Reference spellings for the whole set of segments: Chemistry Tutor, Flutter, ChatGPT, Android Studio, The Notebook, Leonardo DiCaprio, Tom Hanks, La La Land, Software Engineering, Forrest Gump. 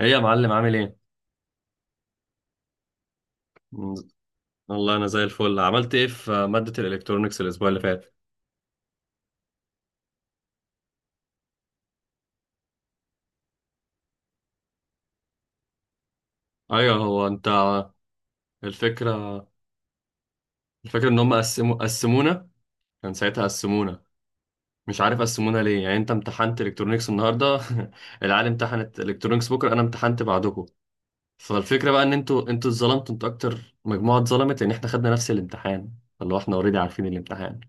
ايه يا معلم، عامل ايه؟ مم، والله انا زي الفل. عملت ايه في مادة الالكترونيكس الاسبوع اللي فات؟ ايوه. هو انت الفكرة الفكرة ان هم قسمونا، كان ساعتها قسمونا، مش عارف قسمونا ليه. يعني انت امتحنت الكترونيكس النهارده؟ العالم امتحنت الكترونيكس بكره، انا امتحنت بعدكم. فالفكرة بقى ان انتوا اتظلمتوا، انتوا اكتر مجموعة اتظلمت، لان احنا خدنا نفس الامتحان، اللي هو احنا اوريدي عارفين الامتحان.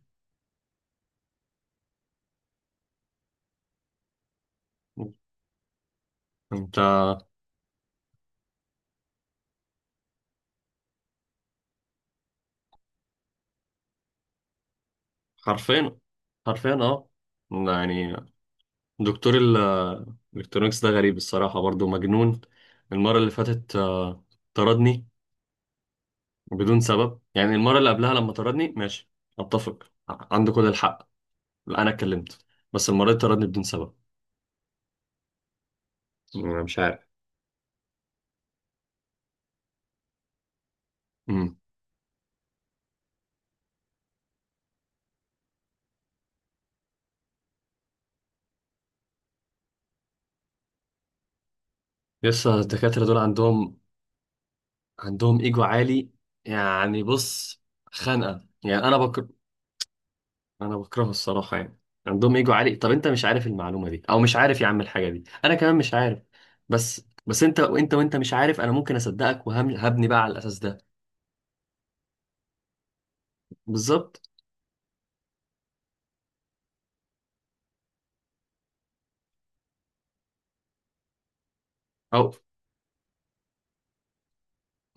انت حرفيا، حرفيا اه. يعني دكتور الالكترونيكس ده غريب الصراحة، برضو مجنون. المرة اللي فاتت طردني بدون سبب. يعني المرة اللي قبلها لما طردني ماشي، اتفق، عنده كل الحق. لا، انا اتكلمت، بس المرة دي طردني بدون سبب. انا مش عارف. امم. لسه الدكاترة دول عندهم ايجو عالي. يعني بص، خانقة. يعني انا بكرهه الصراحه. يعني عندهم ايجو عالي، طب انت مش عارف المعلومه دي او مش عارف يا عم الحاجه دي، انا كمان مش عارف. بس انت وانت وانت مش عارف، انا ممكن اصدقك وهبني بقى على الاساس ده. بالظبط. او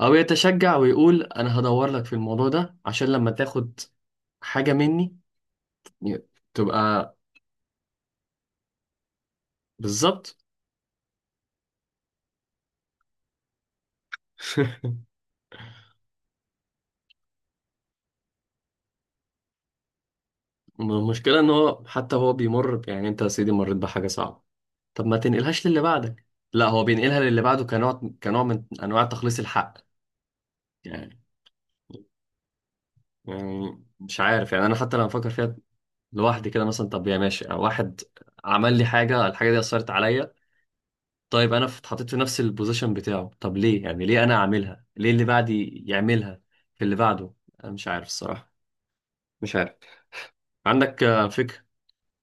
او يتشجع ويقول انا هدور لك في الموضوع ده عشان لما تاخد حاجه مني تبقى. بالظبط. المشكله ان هو حتى هو بيمر يعني انت يا سيدي مريت بحاجه صعبه، طب ما تنقلهاش للي بعدك. لا، هو بينقلها للي بعده، كنوع من انواع تخليص الحق. يعني يعني مش عارف. يعني انا حتى لما افكر فيها لوحدي كده، مثلا طب يا ماشي، واحد عمل لي حاجه، الحاجه دي اثرت عليا. طيب انا اتحطيت في نفس البوزيشن بتاعه، طب ليه؟ يعني ليه انا اعملها، ليه اللي بعدي يعملها في اللي بعده؟ انا مش عارف الصراحه، مش عارف. عندك فكره؟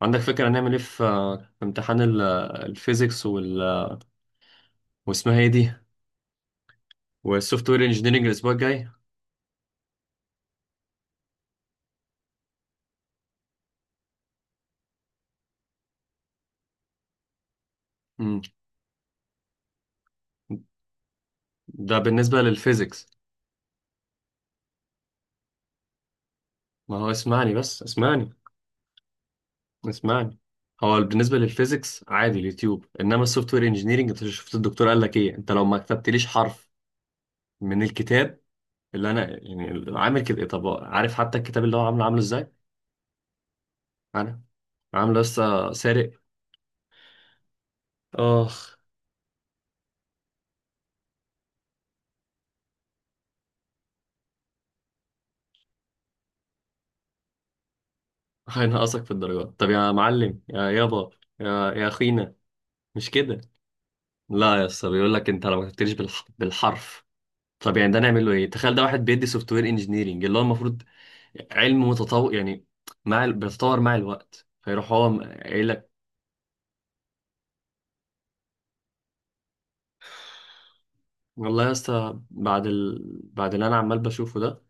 عندك فكره هنعمل ايه في، في امتحان الفيزيكس واسمها ايه دي، والسوفت وير انجينيرنج الاسبوع الجاي؟ مم. ده بالنسبه للفيزيكس. ما هو اسمعني، بس اسمعني، اسمعني. هو بالنسبه للفيزيكس عادي اليوتيوب، انما السوفت وير انجينيرنج انت شفت الدكتور قال لك ايه؟ انت لو ما كتبتليش حرف من الكتاب اللي انا يعني عامل كده إيه؟ طب عارف حتى الكتاب اللي هو عامله، عامله ازاي؟ انا عامله لسه سارق. اخ. هينقصك في الدرجات. طب يا معلم يا يابا، يا اخينا، مش كده؟ لا يا اسطى، بيقول لك انت لو ما كتبتليش بالحرف. طب يعني ده نعمل له ايه؟ تخيل ده واحد بيدي سوفت وير انجينيرنج اللي هو المفروض علم متطور، يعني مع بيتطور مع الوقت، فيروح هو قايل لك. والله يا اسطى، بعد اللي انا عمال بشوفه ده،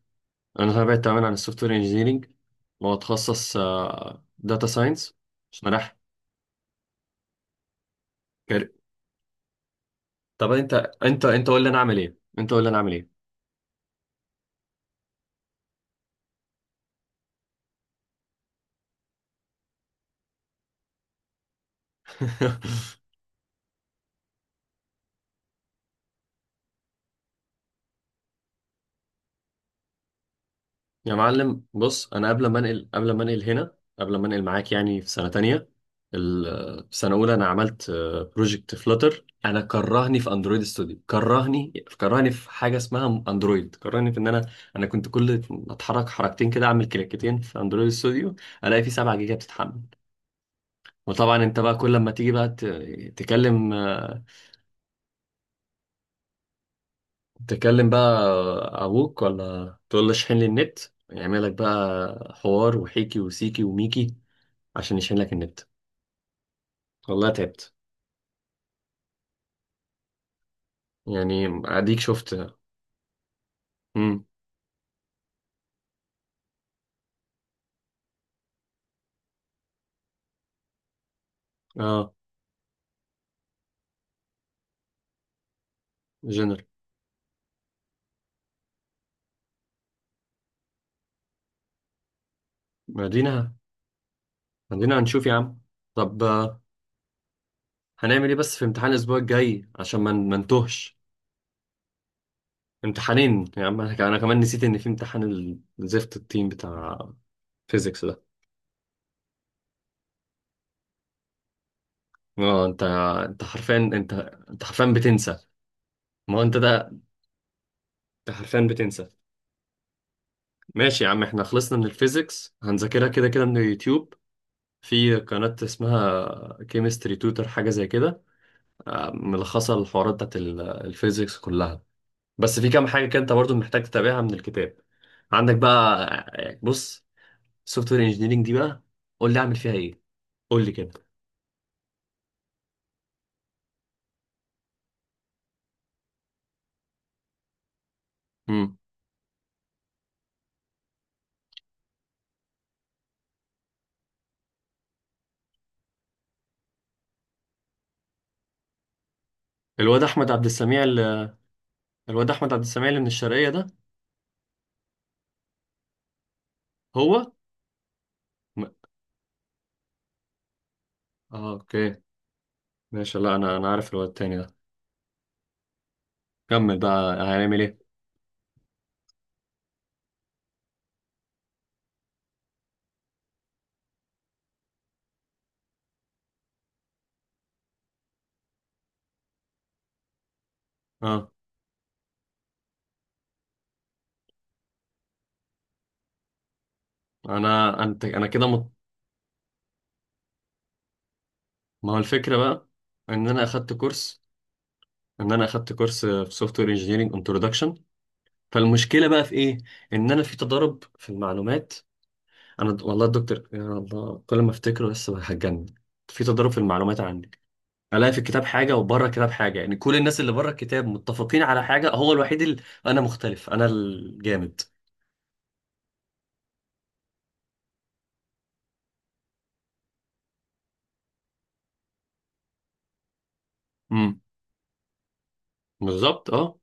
انا تابعت تماما عن السوفت وير انجينيرنج، واتخصص داتا ساينس، عشان رايح كاري- طب انت قول لي انا اعمل ايه، انت قول لي انا اعمل ايه. يا معلم بص، انا قبل ما انقل معاك، يعني في سنه تانية، في سنه اولى انا عملت بروجكت فلوتر. انا كرهني في اندرويد ستوديو، كرهني في حاجه اسمها اندرويد، كرهني في ان انا كنت كل ما اتحرك حركتين كده، اعمل كليكتين في اندرويد ستوديو، الاقي فيه 7 جيجا بتتحمل. وطبعا انت بقى، كل ما تيجي بقى، تكلم آه، تكلم بقى ابوك ولا تقول له اشحن لي النت، يعمل لك بقى حوار وحيكي وسيكي وميكي عشان يشيل لك النت. والله تعبت. يعني اديك شفت. امم. اه. جنرال. مدينة مدينة هنشوف يا عم. طب هنعمل ايه بس في امتحان الاسبوع الجاي، عشان ما نتوهش؟ امتحانين يا عم، أنا كمان نسيت ان في امتحان الزفت التيم بتاع فيزيكس ده. اه. انت، انت حرفيا، انت حرفيا بتنسى. ما هو انت ده، انت حرفيا بتنسى. ماشي يا عم، احنا خلصنا من الفيزيكس، هنذاكرها كده كده من اليوتيوب. في قناة اسمها كيمستري توتر حاجة زي كده، ملخصة الحوارات بتاعت الفيزيكس كلها، بس في كام حاجة كده انت برضو محتاج تتابعها من الكتاب. عندك بقى، بص، سوفت وير انجينيرنج دي بقى قول لي اعمل فيها ايه، قول لي كده. امم الواد احمد عبد السميع ال- الواد احمد عبد السميع اللي من الشرقية ده، هو م... اه اوكي. ماشي. لا، انا عارف الواد التاني ده. كمل بقى هنعمل ايه. اه. انا انت انا كده مط... ما هو الفكرة بقى ان انا اخدت كورس ان انا اخدت كورس في سوفت وير انجينيرنج انتروداكشن. فالمشكله بقى في ايه؟ ان انا في تضارب في المعلومات. والله الدكتور، يا الله كل ما افتكره بس هتجنن. في تضارب في المعلومات عندي، الاقي في الكتاب حاجه وبره الكتاب حاجه. يعني كل الناس اللي بره الكتاب متفقين على حاجه، هو الوحيد اللي انا مختلف انا الجامد. امم. بالظبط اه.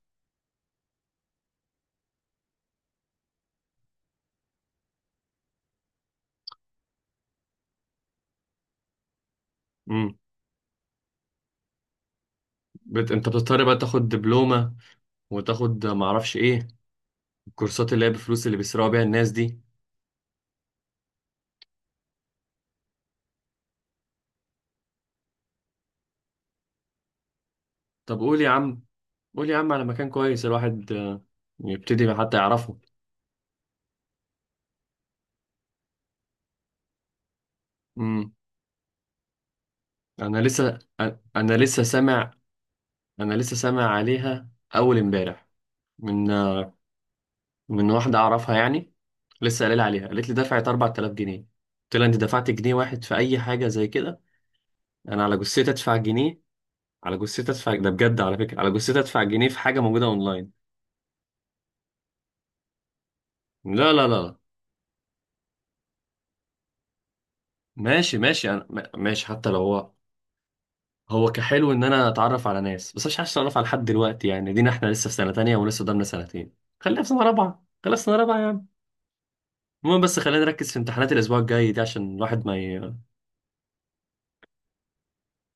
امم. انت بتضطر بقى تاخد دبلومه، وتاخد معرفش ايه الكورسات اللي هي بفلوس اللي بيسرقوا بيها الناس دي. طب قول يا عم على مكان كويس الواحد يبتدي حتى يعرفه. امم. انا لسه انا لسه سامع انا لسه سامع عليها اول امبارح، من من واحده اعرفها يعني، لسه قايله لي عليها. قالت لي دفعت 4000 جنيه. قلت لها انت دفعت جنيه واحد في اي حاجه زي كده؟ انا على جثتي ادفع جنيه، على جثتي ادفع ده بجد، على فكره، على جثتي ادفع جنيه في حاجه موجوده اونلاين. لا لا لا. ماشي ماشي، ماشي حتى لو هو كحلو ان انا اتعرف على ناس، بس مش عايز اتعرف على حد دلوقتي، يعني دينا احنا لسه في سنه تانية، ولسه قدامنا سنتين. خلينا في سنه رابعه يا. المهم بس خلينا نركز في امتحانات الاسبوع الجاي دي، عشان الواحد ما ي...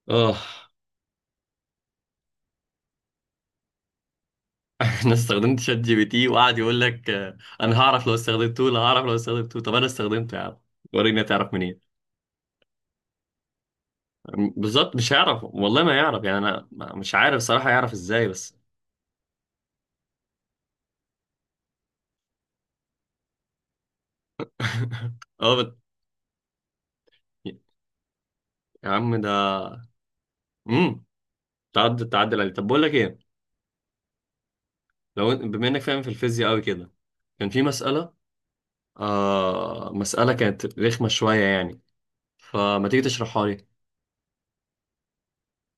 اه. انا استخدمت شات جي بي تي، وقعد يقول لك انا هعرف لو استخدمته، انا هعرف لو استخدمته. طب انا استخدمته يا عم، وريني هتعرف منين؟ بالظبط. مش هيعرف والله ما يعرف. يعني انا ما- مش عارف صراحة يعرف ازاي بس. اه. يا عم ده. امم. تعدل عليه. طب بقول لك ايه، بما انك فاهم في الفيزياء قوي كده، كان في مسألة كانت رخمة شوية يعني، فما تيجي تشرحها لي؟